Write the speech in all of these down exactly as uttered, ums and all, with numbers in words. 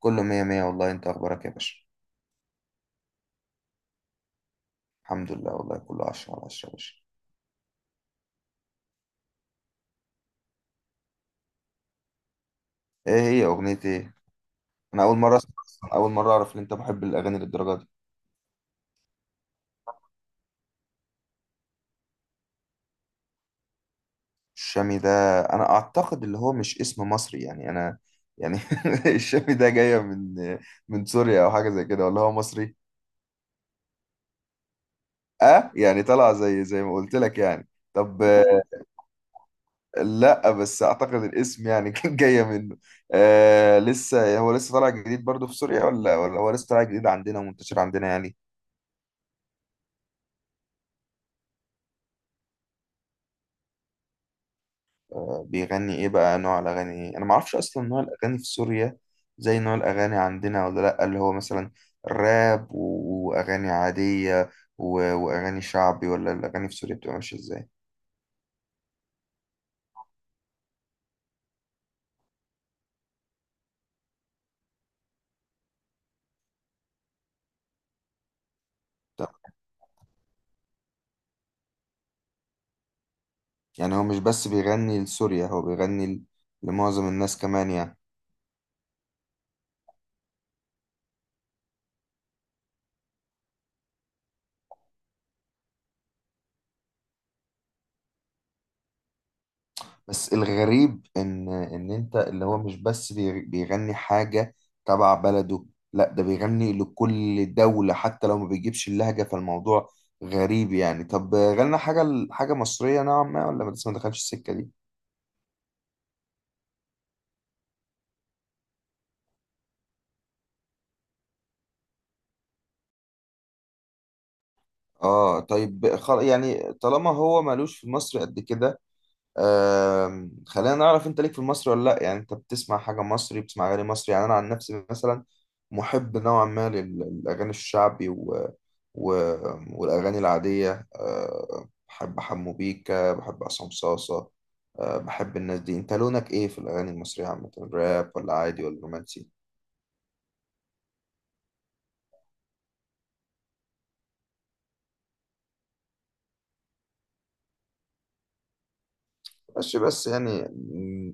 كله مية مية والله، انت اخبارك يا باشا؟ الحمد لله والله كله عشرة على عشرة يا باشا. ايه هي اغنية ايه؟ انا اول مرة اسمع أصلاً، اول مرة اعرف ان انت محب الاغاني للدرجة دي. الشامي ده انا اعتقد اللي هو مش اسم مصري يعني. انا يعني الشامي ده جاية من من سوريا او حاجة زي كده ولا هو مصري؟ اه يعني طلع زي زي ما قلت لك يعني. طب آه، لا بس اعتقد الاسم يعني كان جاية منه. آه لسه هو لسه طالع جديد برضه في سوريا ولا ولا هو لسه طالع جديد عندنا ومنتشر عندنا يعني؟ آه، بيغني ايه بقى، نوع الاغاني ايه؟ انا ما اعرفش اصلا نوع الاغاني في سوريا زي نوع الاغاني عندنا ولا لا؟ اللي هو مثلا راب و- واغاني عادية و- واغاني شعبي، ولا الاغاني في سوريا بتبقى ماشية ازاي؟ طب، يعني هو مش بس بيغني لسوريا، هو بيغني ل- لمعظم الناس كمان يعني. بس الغريب ان ان انت اللي هو مش بس بي- بيغني حاجة تبع بلده، لا ده بيغني لكل دولة حتى لو ما بيجيبش اللهجة، فالموضوع غريب يعني. طب غنى حاجة حاجة مصرية نوعا ما ولا ما لسه ما دخلش السكة دي؟ اه طيب خل... يعني طالما هو مالوش في مصر قد كده. آم، خلينا نعرف، انت ليك في المصري ولا لا؟ يعني انت بتسمع حاجة مصري، بتسمع اغاني مصري؟ يعني انا عن نفسي مثلا محب نوعا ما لل- للاغاني الشعبي و... و... والاغاني العادية. آه، بحب حمو بيكا، بحب عصام صاصة. آه، بحب الناس دي. انت لونك ايه في الاغاني المصرية عامة، راب ولا عادي ولا رومانسي؟ ماشي بس يعني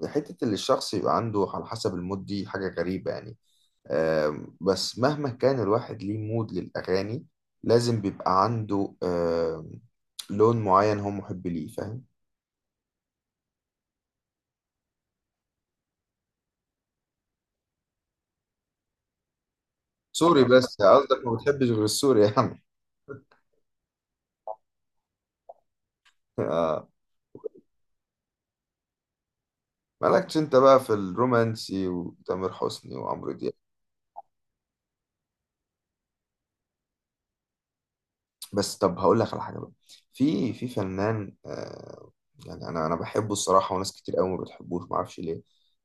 م، حتة اللي الشخص يبقى عنده على حسب المود دي حاجة غريبة يعني. آم، بس مهما كان الواحد ليه مود للأغاني، لازم بيبقى عنده آم، لون معين هو محب ليه، فاهم؟ سوري، بس قصدك ما بتحبش غير السوري يا عم؟ آه، مالكش انت بقى في الرومانسي وتامر حسني وعمرو دياب؟ بس طب هقول لك على حاجه بقى، في في فنان آه يعني انا انا بحبه الصراحه، وناس كتير قوي ما بتحبوش، ما اعرفش ليه.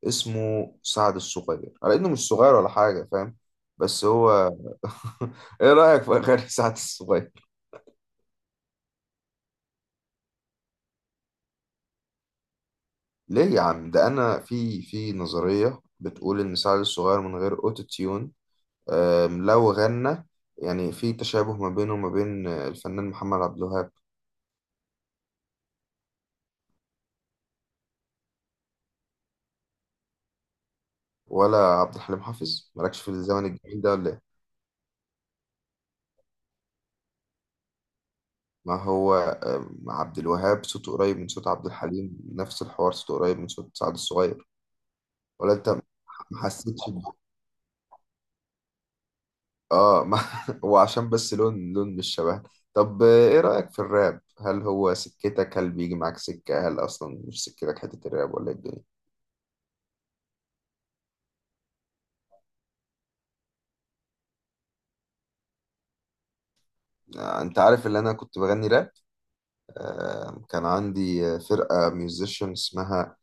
اسمه سعد الصغير، على انه مش صغير ولا حاجه، فاهم؟ بس هو ايه رايك في اغاني سعد الصغير؟ ليه يا عم؟ ده انا في في نظريه بتقول ان سعد الصغير من غير اوتو تيون، آم، لو غنى يعني في تشابه ما بينه وما بين الفنان محمد عبد الوهاب ولا عبد الحليم حافظ. مالكش في الزمن الجميل ده ولا إيه؟ ما هو آم، عبد الوهاب صوته قريب من صوت عبد الحليم، نفس الحوار صوته قريب من صوت سعد الصغير. ولا انت ما حسيتش ب- اه ما هو عشان بس لون، لون مش شبه. طب آه، ايه رأيك في الراب؟ هل هو سكتك، هل بيجي معاك سكة، هل اصلا مش سكتك حتة الراب ولا إيه الدنيا؟ آه، انت عارف اللي انا كنت بغني راب. آه، كان عندي آه، فرقة ميوزيشن اسمها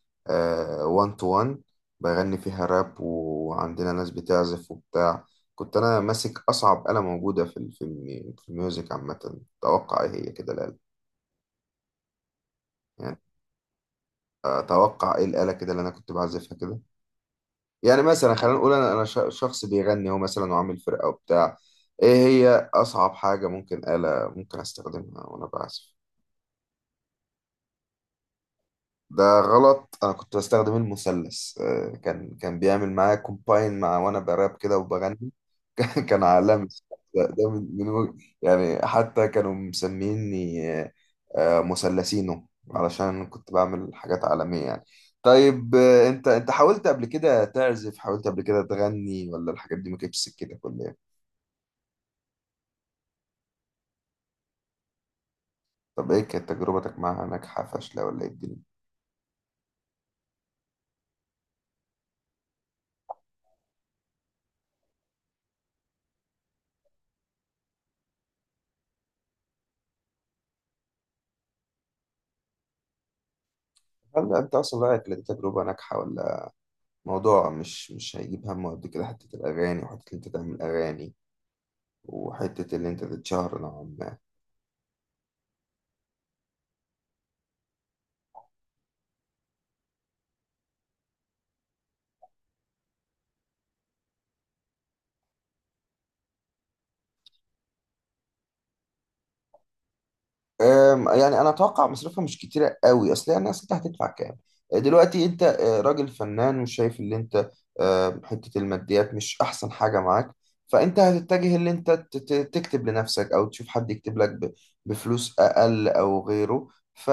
وان تو وان، بغني فيها راب وعندنا ناس بتعزف وبتاع. كنت أنا ماسك أصعب آلة موجودة في ال- في المي- في الميوزك عامة، توقع إيه هي كده الآلة؟ يعني أتوقع إيه الآلة كده اللي أنا كنت بعزفها كده؟ يعني مثلا خلينا نقول أنا أنا ش- شخص بيغني هو مثلا وعامل فرقة وبتاع. إيه هي أصعب حاجة ممكن، آلة ممكن أستخدمها وأنا بعزف؟ ده غلط، انا كنت بستخدم المثلث. آه، كان كان بيعمل معايا كومباين مع وانا براب كده وبغني. كان عالمي ده ده، من من وج- يعني حتى كانوا مسميني آه، آه، مثلثينو، علشان كنت بعمل حاجات عالمية يعني. طيب آه، انت انت حاولت قبل كده تعزف، حاولت قبل كده تغني، ولا الحاجات دي ما كانتش سكتك ولا ايه؟ طب ايه كانت تجربتك معاها، ناجحة فاشلة ولا ايه الدنيا؟ هل انت اصلا رأيك إن دي تجربة ناجحة، ولا موضوع مش مش هيجيب همه قد كده حتة الأغاني، وحتة اللي أنت تعمل أغاني، وحتة اللي أنت تتشهر نوعا ما؟ أم، يعني انا اتوقع مصروفها مش كتيره قوي، اصل هي الناس انت هتدفع كام؟ آه، دلوقتي انت آه، راجل فنان وشايف اللي انت آه، حته الماديات مش احسن حاجه معاك. فانت هتتجه اللي انت ت- ت- تكتب لنفسك او تشوف حد يكتب لك ب- بفلوس اقل او غيره. ف...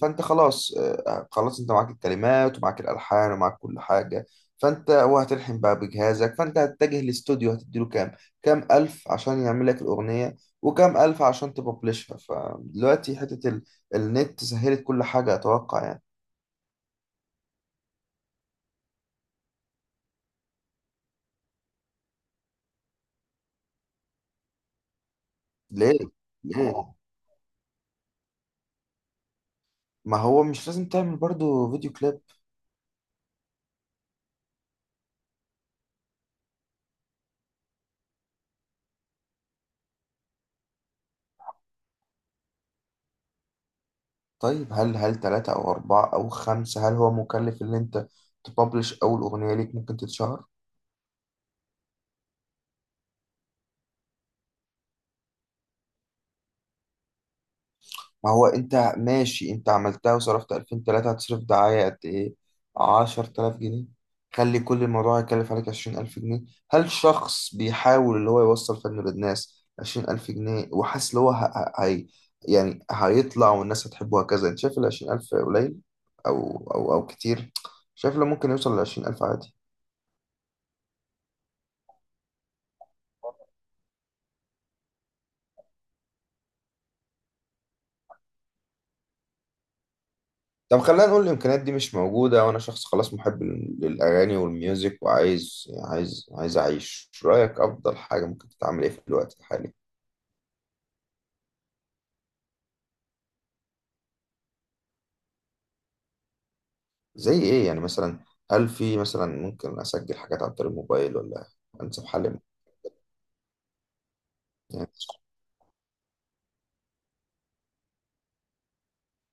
فانت خلاص، آه، خلاص انت معاك الكلمات ومعاك الالحان ومعاك كل حاجه. فانت وهتلحن بقى بجهازك، فانت هتتجه لاستوديو هتديله كام، كام الف عشان يعمل لك الاغنيه، وكام ألف عشان تببلشها. فدلوقتي حتة ال... النت سهلت كل حاجة أتوقع يعني. ليه؟ ليه؟ ما هو مش لازم تعمل برضو فيديو كليب؟ طيب هل هل تلاتة أو أربعة أو خمسة، هل هو مكلف إن أنت تببلش أول أغنية ليك ممكن تتشهر؟ ما هو انت ماشي، انت عملتها وصرفت الفين تلاتة، هتصرف دعاية قد ايه، عشرة آلاف جنيه؟ خلي كل الموضوع يكلف عليك عشرين الف جنيه. هل شخص بيحاول اللي هو يوصل فنه للناس عشرين الف جنيه وحاسس اللي هو ه- ه- هي يعني هيطلع والناس هتحبه هكذا، انت شايف ال عشرين الف قليل او او او كتير؟ شايف لو ممكن يوصل ل عشرين الف عادي؟ طب خلينا نقول الامكانيات دي مش موجوده وانا شخص خلاص محب لل- للاغاني والميوزك وعايز عايز عايز اعيش، رايك افضل حاجه ممكن تتعمل ايه في الوقت الحالي؟ زي ايه يعني مثلا، هل في مثلا ممكن اسجل حاجات عن طريق الموبايل ولا انسب حل؟ يعني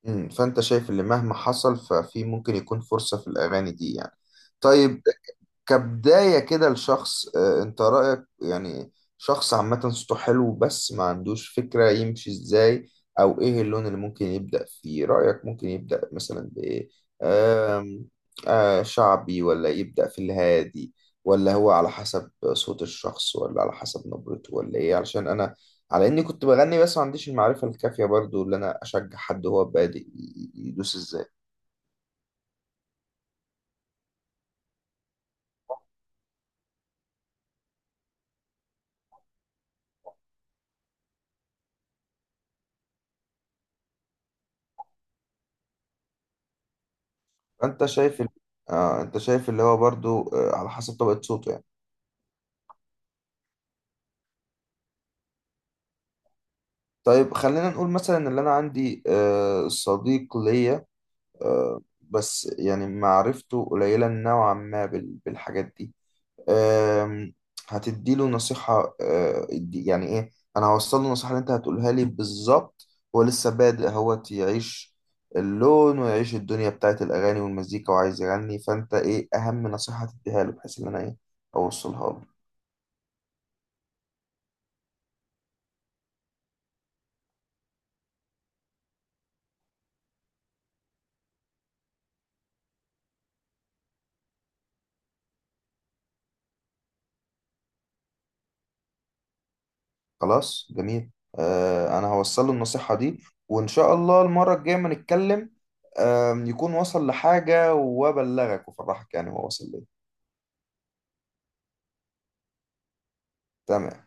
امم فانت شايف اللي مهما حصل ففي ممكن يكون فرصه في الاغاني دي يعني. طيب كبداية كده لشخص، آه، انت رأيك يعني شخص عامة صوته حلو بس ما عندوش فكرة يمشي ازاي، او ايه اللون اللي ممكن يبدأ فيه؟ رأيك ممكن يبدأ مثلا بايه؟ آم، آه شعبي ولا يبدأ في الهادي، ولا هو على حسب صوت الشخص ولا على حسب نبرته ولا ايه؟ علشان انا على اني كنت بغني بس ما عنديش المعرفة الكافية برضو اللي انا اشجع حد هو بادئ ي- يدوس ازاي. فانت شايف ال- آه انت شايف اللي هو برضو آه على حسب طبقة صوته يعني. طيب خلينا نقول مثلا ان انا عندي آه، صديق ليا، آه، بس يعني معرفته قليلة نوعا ما بال- بالحاجات دي. آم، هتديله نصيحة آه، دي- يعني ايه؟ انا هوصل له النصيحة اللي انت هتقولها لي بالظبط. هو لسه بادئ، هو يعيش اللون ويعيش الدنيا بتاعت الاغاني والمزيكا وعايز يغني، فانت ايه اهم نصيحة هتديها له بحيث ان انا ايه اوصلها له؟ خلاص جميل. آه انا هوصل له النصيحة دي وان شاء الله المرة الجاية ما نتكلم آه يكون وصل لحاجة وابلغك وافرحك يعني هو وصل ليه. تمام.